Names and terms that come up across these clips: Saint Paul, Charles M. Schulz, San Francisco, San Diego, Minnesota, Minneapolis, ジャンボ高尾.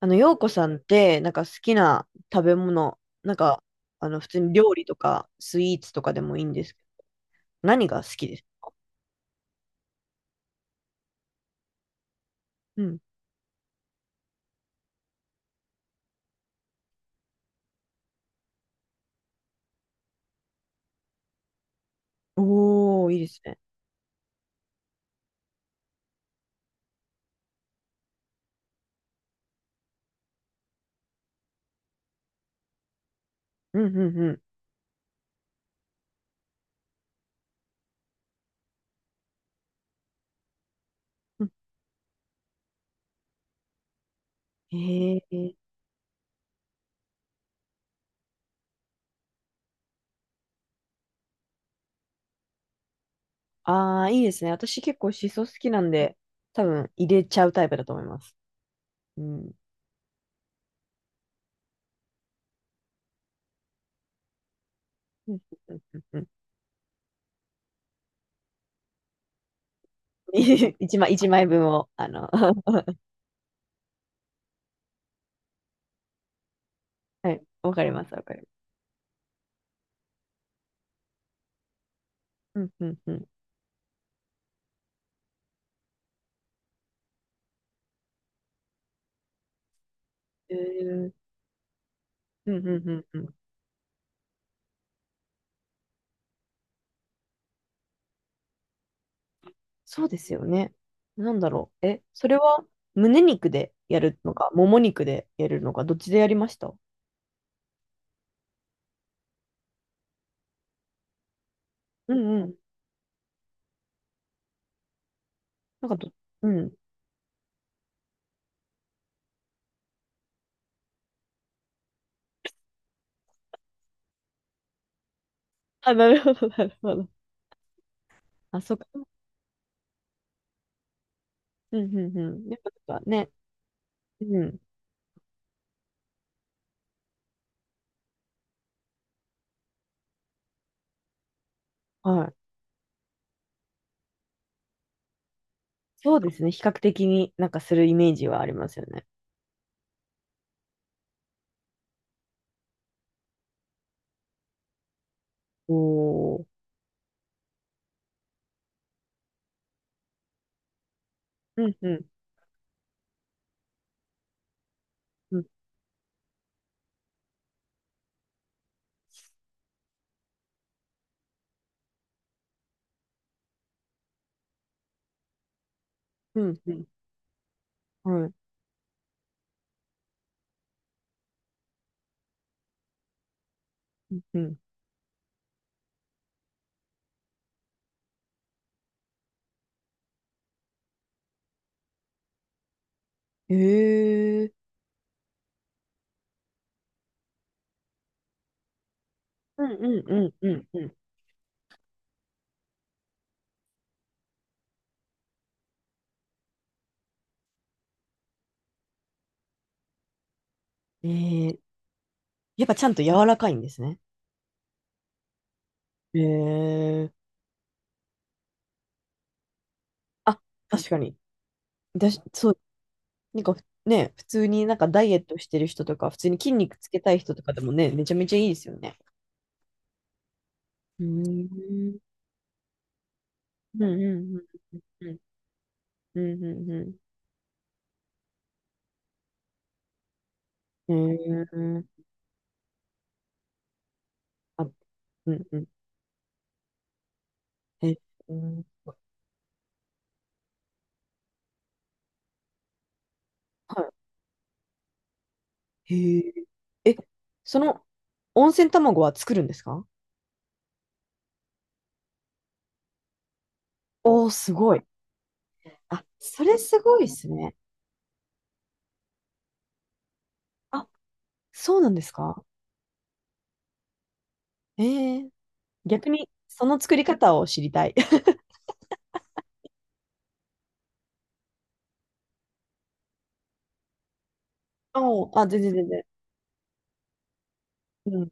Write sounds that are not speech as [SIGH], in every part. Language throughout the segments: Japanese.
洋子さんって、なんか好きな食べ物、なんか、普通に料理とか、スイーツとかでもいいんですけど、何が好きです？うん。おー、いいですね。うん、うん、うん。うん。へえ。ああ、いいですね。私結構シソ好きなんで、多分入れちゃうタイプだと思います。うん。うん、うん、うん。うん[LAUGHS] 一枚分を、[LAUGHS] はい。わかります、わかります。うん、うん、うん。へー。うん、うん、うん、うん。そうですよね。なんだろう。え、それは胸肉でやるのか、もも肉でやるのか、どっちでやりました？うんうん。なんかど、うん。あ、なるほど、なるほど。あ、そっか。うんうんうん。やっぱなんかね、うん。はい。そうですね。比較的になんかするイメージはありますよね。おー。うんうんうんうんうん。はい。うんうん。へえ。うんうんうんうんうん。ー、やっぱちゃんと柔らかいんですね。へえ。あ、確かに。だし、そう、なんかね、普通になんかダイエットしてる人とか、普通に筋肉つけたい人とかでもね、めちゃめちゃいいですよね。うーん。うんうんうんうん。うんうんうん。へー。あ、うんうん。へー。うん。はい。へー。え、その温泉卵は作るんですか？おー、すごい。あ、それすごいですね。あ、そうなんですか？えー、逆にその作り方を知りたい。[LAUGHS] おー、あ、全然全然。うん。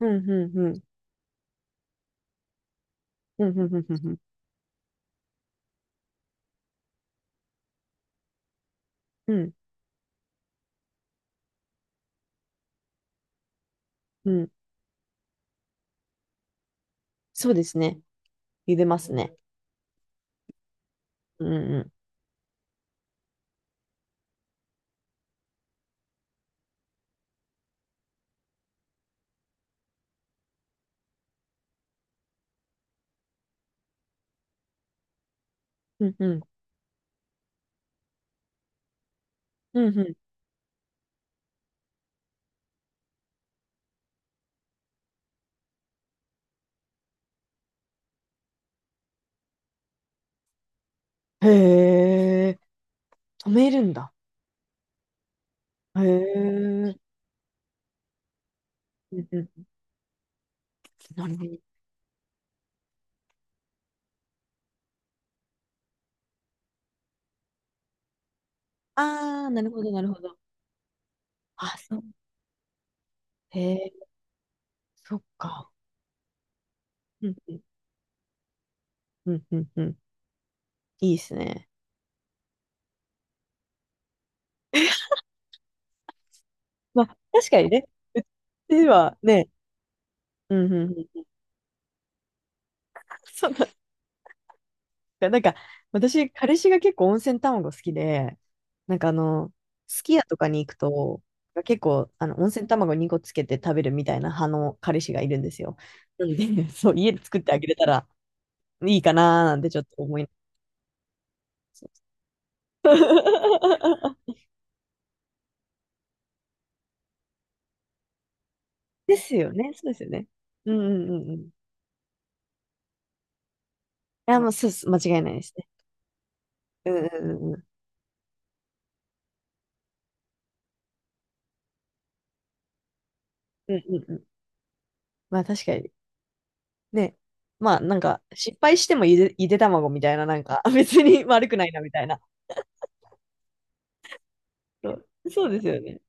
うんうんうん。うんうんうんうんうんうん、うん。そうですね。茹でますね。うんうん。うんうん。うんうん。へえ、止めるんだ。へえ。うんうん。なるほど。ああ、なるほど、なるほど。あ、そう。へえ、そっか。うんうんうんうんうん。いいですね。[LAUGHS] まあ、確かにね。[LAUGHS] うちはね、うんうんうん。[LAUGHS] そうか。なんか、私、彼氏が結構温泉卵好きで、なんかすき家とかに行くと、結構、温泉卵2個つけて食べるみたいな派の彼氏がいるんですよ。なので、[LAUGHS] そう、家で作ってあげれたらいいかなーなんてちょっと思います。[LAUGHS] ですよね、そうですよね。うんうんうんうん。いや、もう、そうそ間違いないですね。うんうんうんうん。うんうんうん。まあ、確かに。ね。まあ、なんか、失敗してもゆで卵みたいな、なんか、別に悪くないな、みたいな。そう、そうですよね。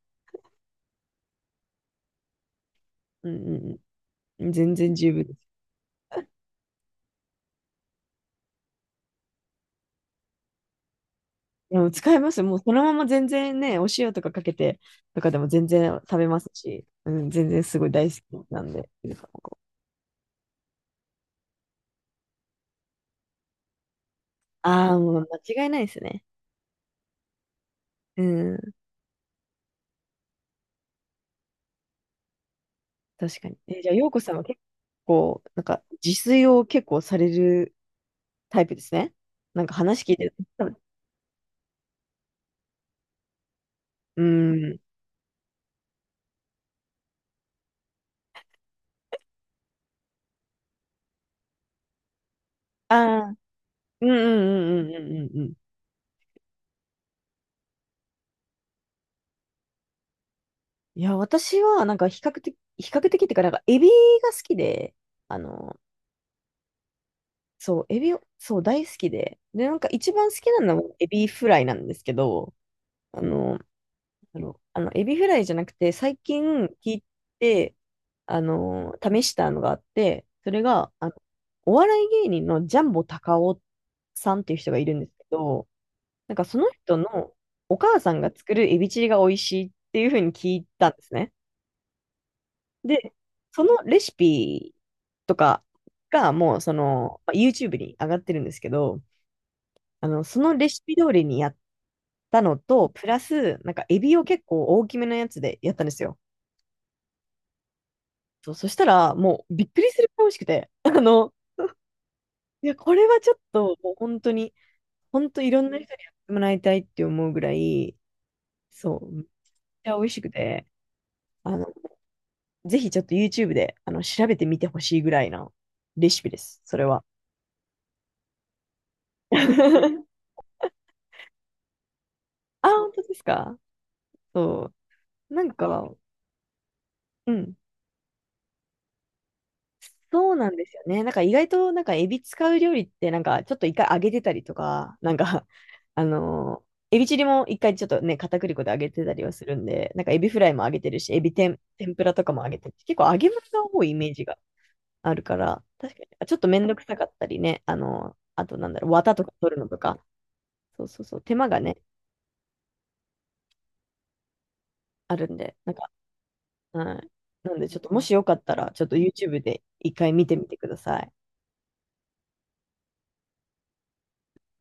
うんうんうん。全然十分です。いや、もう使えます。もうそのまま全然ね、お塩とかかけてとかでも全然食べますし、うん、全然すごい大好きなんで。ああ、もう間違いないですね。うん、確かに。え、じゃあ、洋子さんは結構、なんか自炊を結構されるタイプですね。なんか話聞いてる。うん。ああ、うんうんうんうんうんうんうん。いや、私はなんか比較的、比較的っていうか、なんかエビが好きで、あの、そう、エビを、そう、大好きで。で、なんか一番好きなのはエビフライなんですけど、なんだろうエビフライじゃなくて、最近聞いて、試したのがあって、それが、お笑い芸人のジャンボ高尾さんっていう人がいるんですけど、なんかその人のお母さんが作るエビチリが美味しいっていうふうに聞いたんですね。で、そのレシピとかがもうまあ YouTube に上がってるんですけど、そのレシピ通りにやったのと、プラス、なんか、エビを結構大きめのやつでやったんですよ。そう、そしたら、もう、びっくりするくらい美味しくて、[LAUGHS] いや、これはちょっと、もう本当に、本当いろんな人にやってもらいたいって思うぐらい、そう、めっちゃ美味しくて、あの、ぜひちょっと YouTube で、調べてみてほしいぐらいなレシピです、それは。[LAUGHS] あ、本当ですか？そう。なんか、うん。そうなんですよね。なんか意外となんかエビ使う料理ってなんかちょっと一回揚げてたりとか、なんか [LAUGHS] あのーエビチリも一回ちょっとね、片栗粉で揚げてたりはするんで、なんかエビフライも揚げてるし、エビ天、天ぷらとかも揚げてるし、結構揚げ物が多いイメージがあるから、確かにちょっとめんどくさかったりね、あとなんだろう、綿とか取るのとか、そうそうそう、手間がね、あるんで、なんか、はい。なんでちょっともしよかったら、ちょっと YouTube で一回見てみてください。